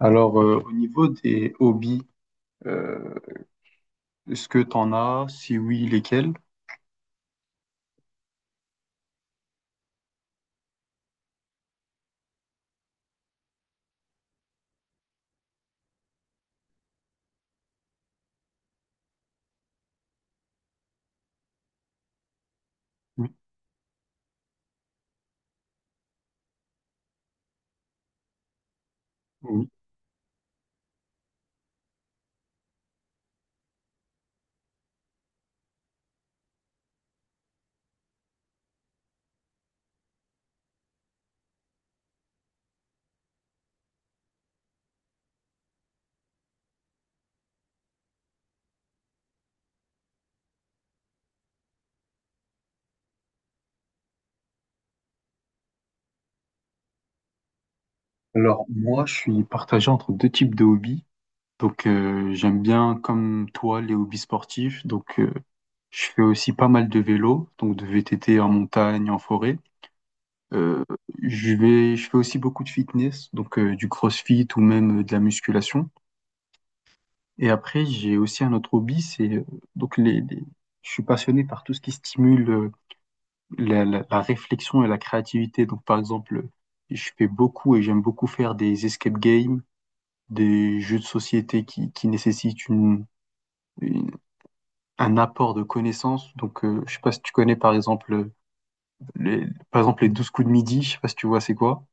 Alors, au niveau des hobbies, euh, est-ce que tu en as? Si oui, lesquels? Oui, oui, alors, moi, je suis partagé entre deux types de hobbies. Donc, j'aime bien, comme toi, les hobbies sportifs. Donc, je fais aussi pas mal de vélo, donc de VTT en montagne, en forêt. Euh, je fais aussi beaucoup de fitness, donc du crossfit ou même de la musculation. Et après, j'ai aussi un autre hobby, c'est donc les, les- je suis passionné par tout ce qui stimule. La réflexion et la créativité. Donc, par exemple, je fais beaucoup et j'aime beaucoup faire des escape games, des jeux de société qui nécessitent une- un apport de connaissances. Donc, je sais pas si tu connais, par exemple, les, par exemple, les 12 coups de midi. Je sais pas si tu vois, c'est quoi?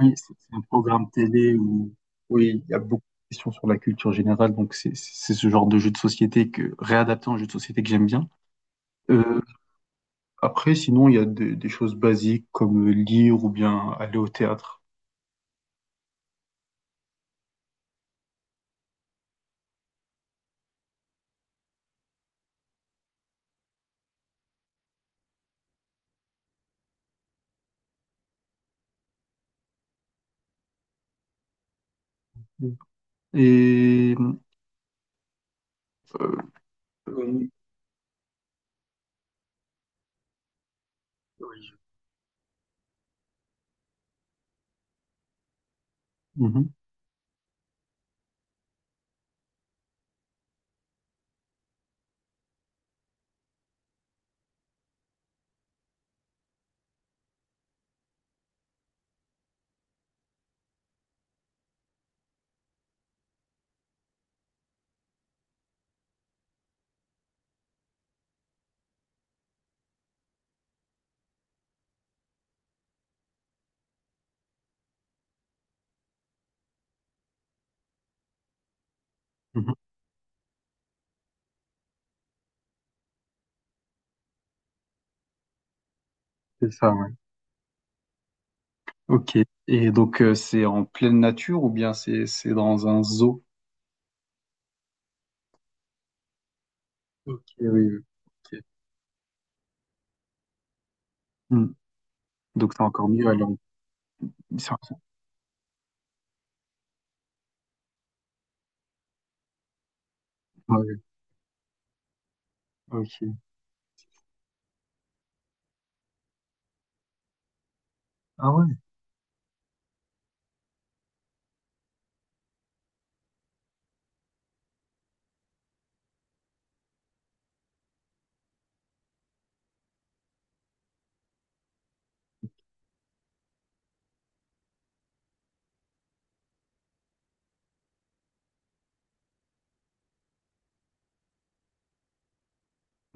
Oui, c'est un programme télé où oui, il y a beaucoup de questions sur la culture générale, donc c'est ce genre de jeu de société que réadapté en jeu de société que j'aime bien. Euh, Après, sinon, il y a des choses basiques comme lire ou bien aller au théâtre. Et euh, oui, mhm, mhm, c'est ça, ouais. Ok. Et donc, c'est en pleine nature ou bien c'est dans un zoo? Ok, oui, oui. Ok. Hmm. Donc, c'est encore mieux. Alors, c'est- ouais, ok. Ah ouais.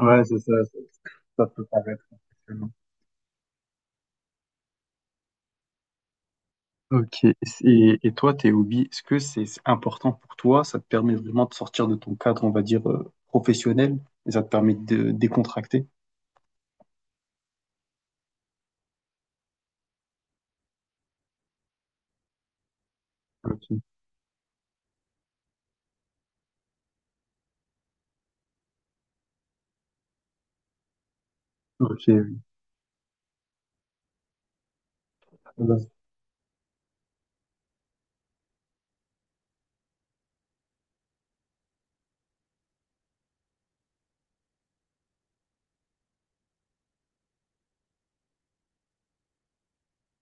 Ouais, c'est ça, ça, ça peut paraître impressionnant. Ok. Et toi, tes hobbies, est-ce que c'est important pour toi? Ça te permet vraiment de sortir de ton cadre, on va dire, professionnel, et ça te permet de décontracter? Ok. Ok, oui. Voilà.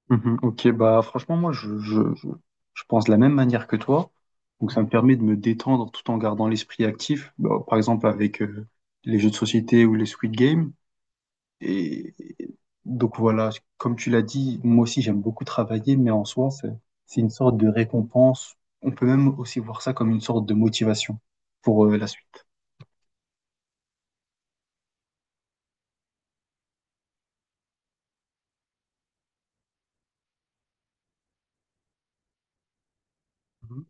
Mhm, ok, bah franchement, moi, je pense de la même manière que toi. Donc, ça me permet de me détendre tout en gardant l'esprit actif. Bah, par exemple, avec les jeux de société ou les Squid Games. Et et donc voilà, comme tu l'as dit, moi aussi j'aime beaucoup travailler, mais en soi, c'est une sorte de récompense. On peut même aussi voir ça comme une sorte de motivation pour la suite. Mhm.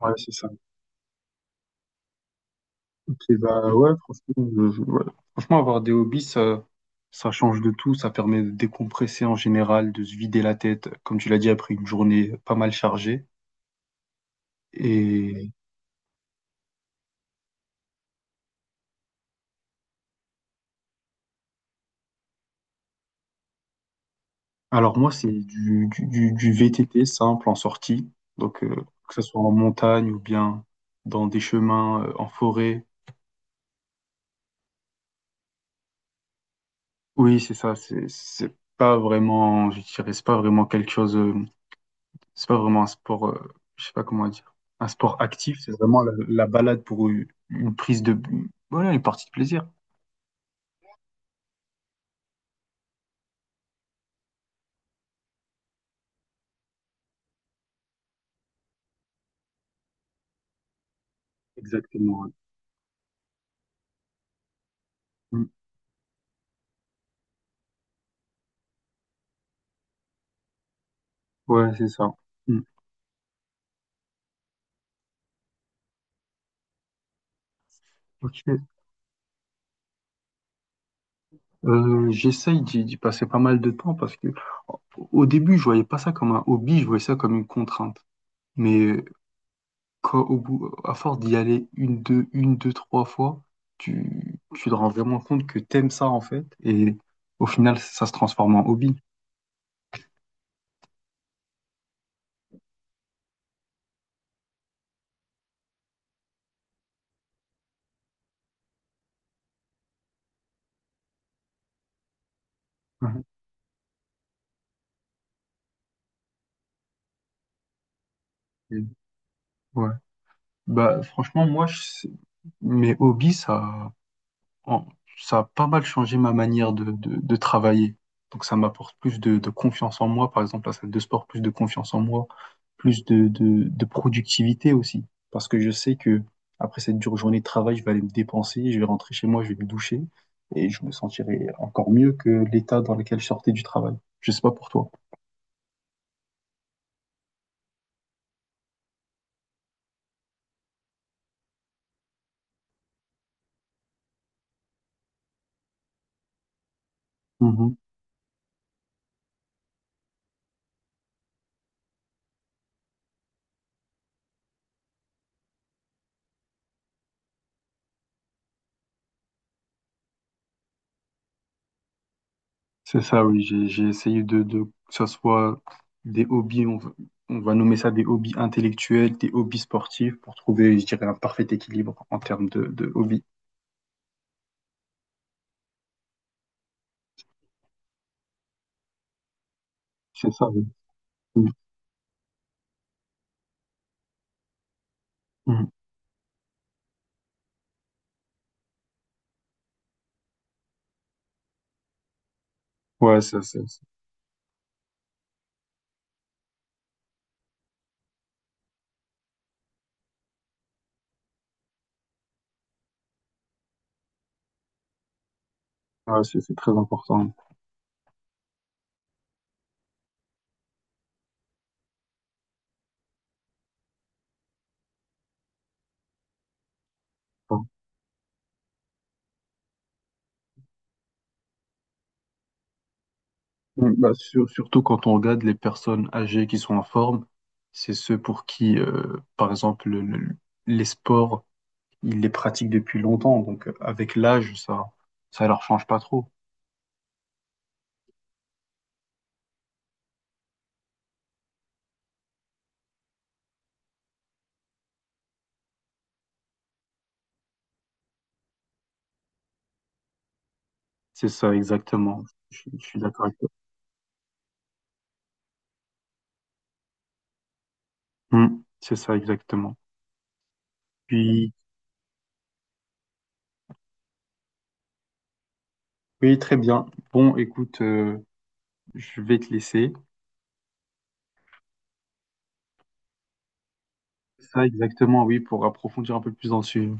Ouais, c'est ça. Ok, bah ouais, franchement, je- ouais. Franchement, avoir des hobbies, ça change de tout, ça permet de décompresser en général, de se vider la tête, comme tu l'as dit, après une journée pas mal chargée. Alors moi, c'est du VTT simple en sortie, donc que ce soit en montagne ou bien dans des chemins en forêt. Oui, c'est ça, c'est pas vraiment, je dirais, c'est pas vraiment quelque chose, c'est pas vraiment un sport, je sais pas comment dire, un sport actif, c'est vraiment la balade pour une prise de, voilà, une partie de plaisir. Exactement, ouais. Mm. Ouais, c'est ça. Mm. Ok. J'essaye d'y passer pas mal de temps parce que au au début, je voyais pas ça comme un hobby, je voyais ça comme une contrainte. Mais quand- au bout, à force d'y aller une, deux, trois fois, tu te rends vraiment compte que t'aimes ça en fait. Et au final, ça se transforme en hobby. Mhm. Et, ouais. Bah, franchement, moi, je- mes hobbies, ça. En- ça a pas mal changé ma manière de, de travailler. Donc ça m'apporte plus de confiance en moi, par exemple la salle de sport, plus de confiance en moi, plus de, de productivité aussi. Parce que je sais que après cette dure journée de travail, je vais aller me dépenser, je vais rentrer chez moi, je vais me doucher et je me sentirai encore mieux que l'état dans lequel je sortais du travail. Je sais pas pour toi. C'est ça, oui. J'ai essayé de, que ça soit des hobbies, on va nommer ça des hobbies intellectuels, des hobbies sportifs, pour trouver, je dirais, un parfait équilibre en termes de hobbies. C'est ça, oui. Mhm. Mhm. Ouais, ça, ça, ça. Ouais, c'est très important. Ouais. Mhm. Bah, sur- surtout quand on regarde les personnes âgées qui sont en forme, c'est ceux pour qui, par exemple, le- les sports ils les pratiquent depuis longtemps, donc avec l'âge, ça leur change pas trop. C'est ça, exactement. Je suis d'accord avec toi. Hmm, c'est ça, exactement. Puis, oui, très bien. Bon, écoute, je vais te laisser. Ça, exactement, oui, pour approfondir un peu plus dans le sujet.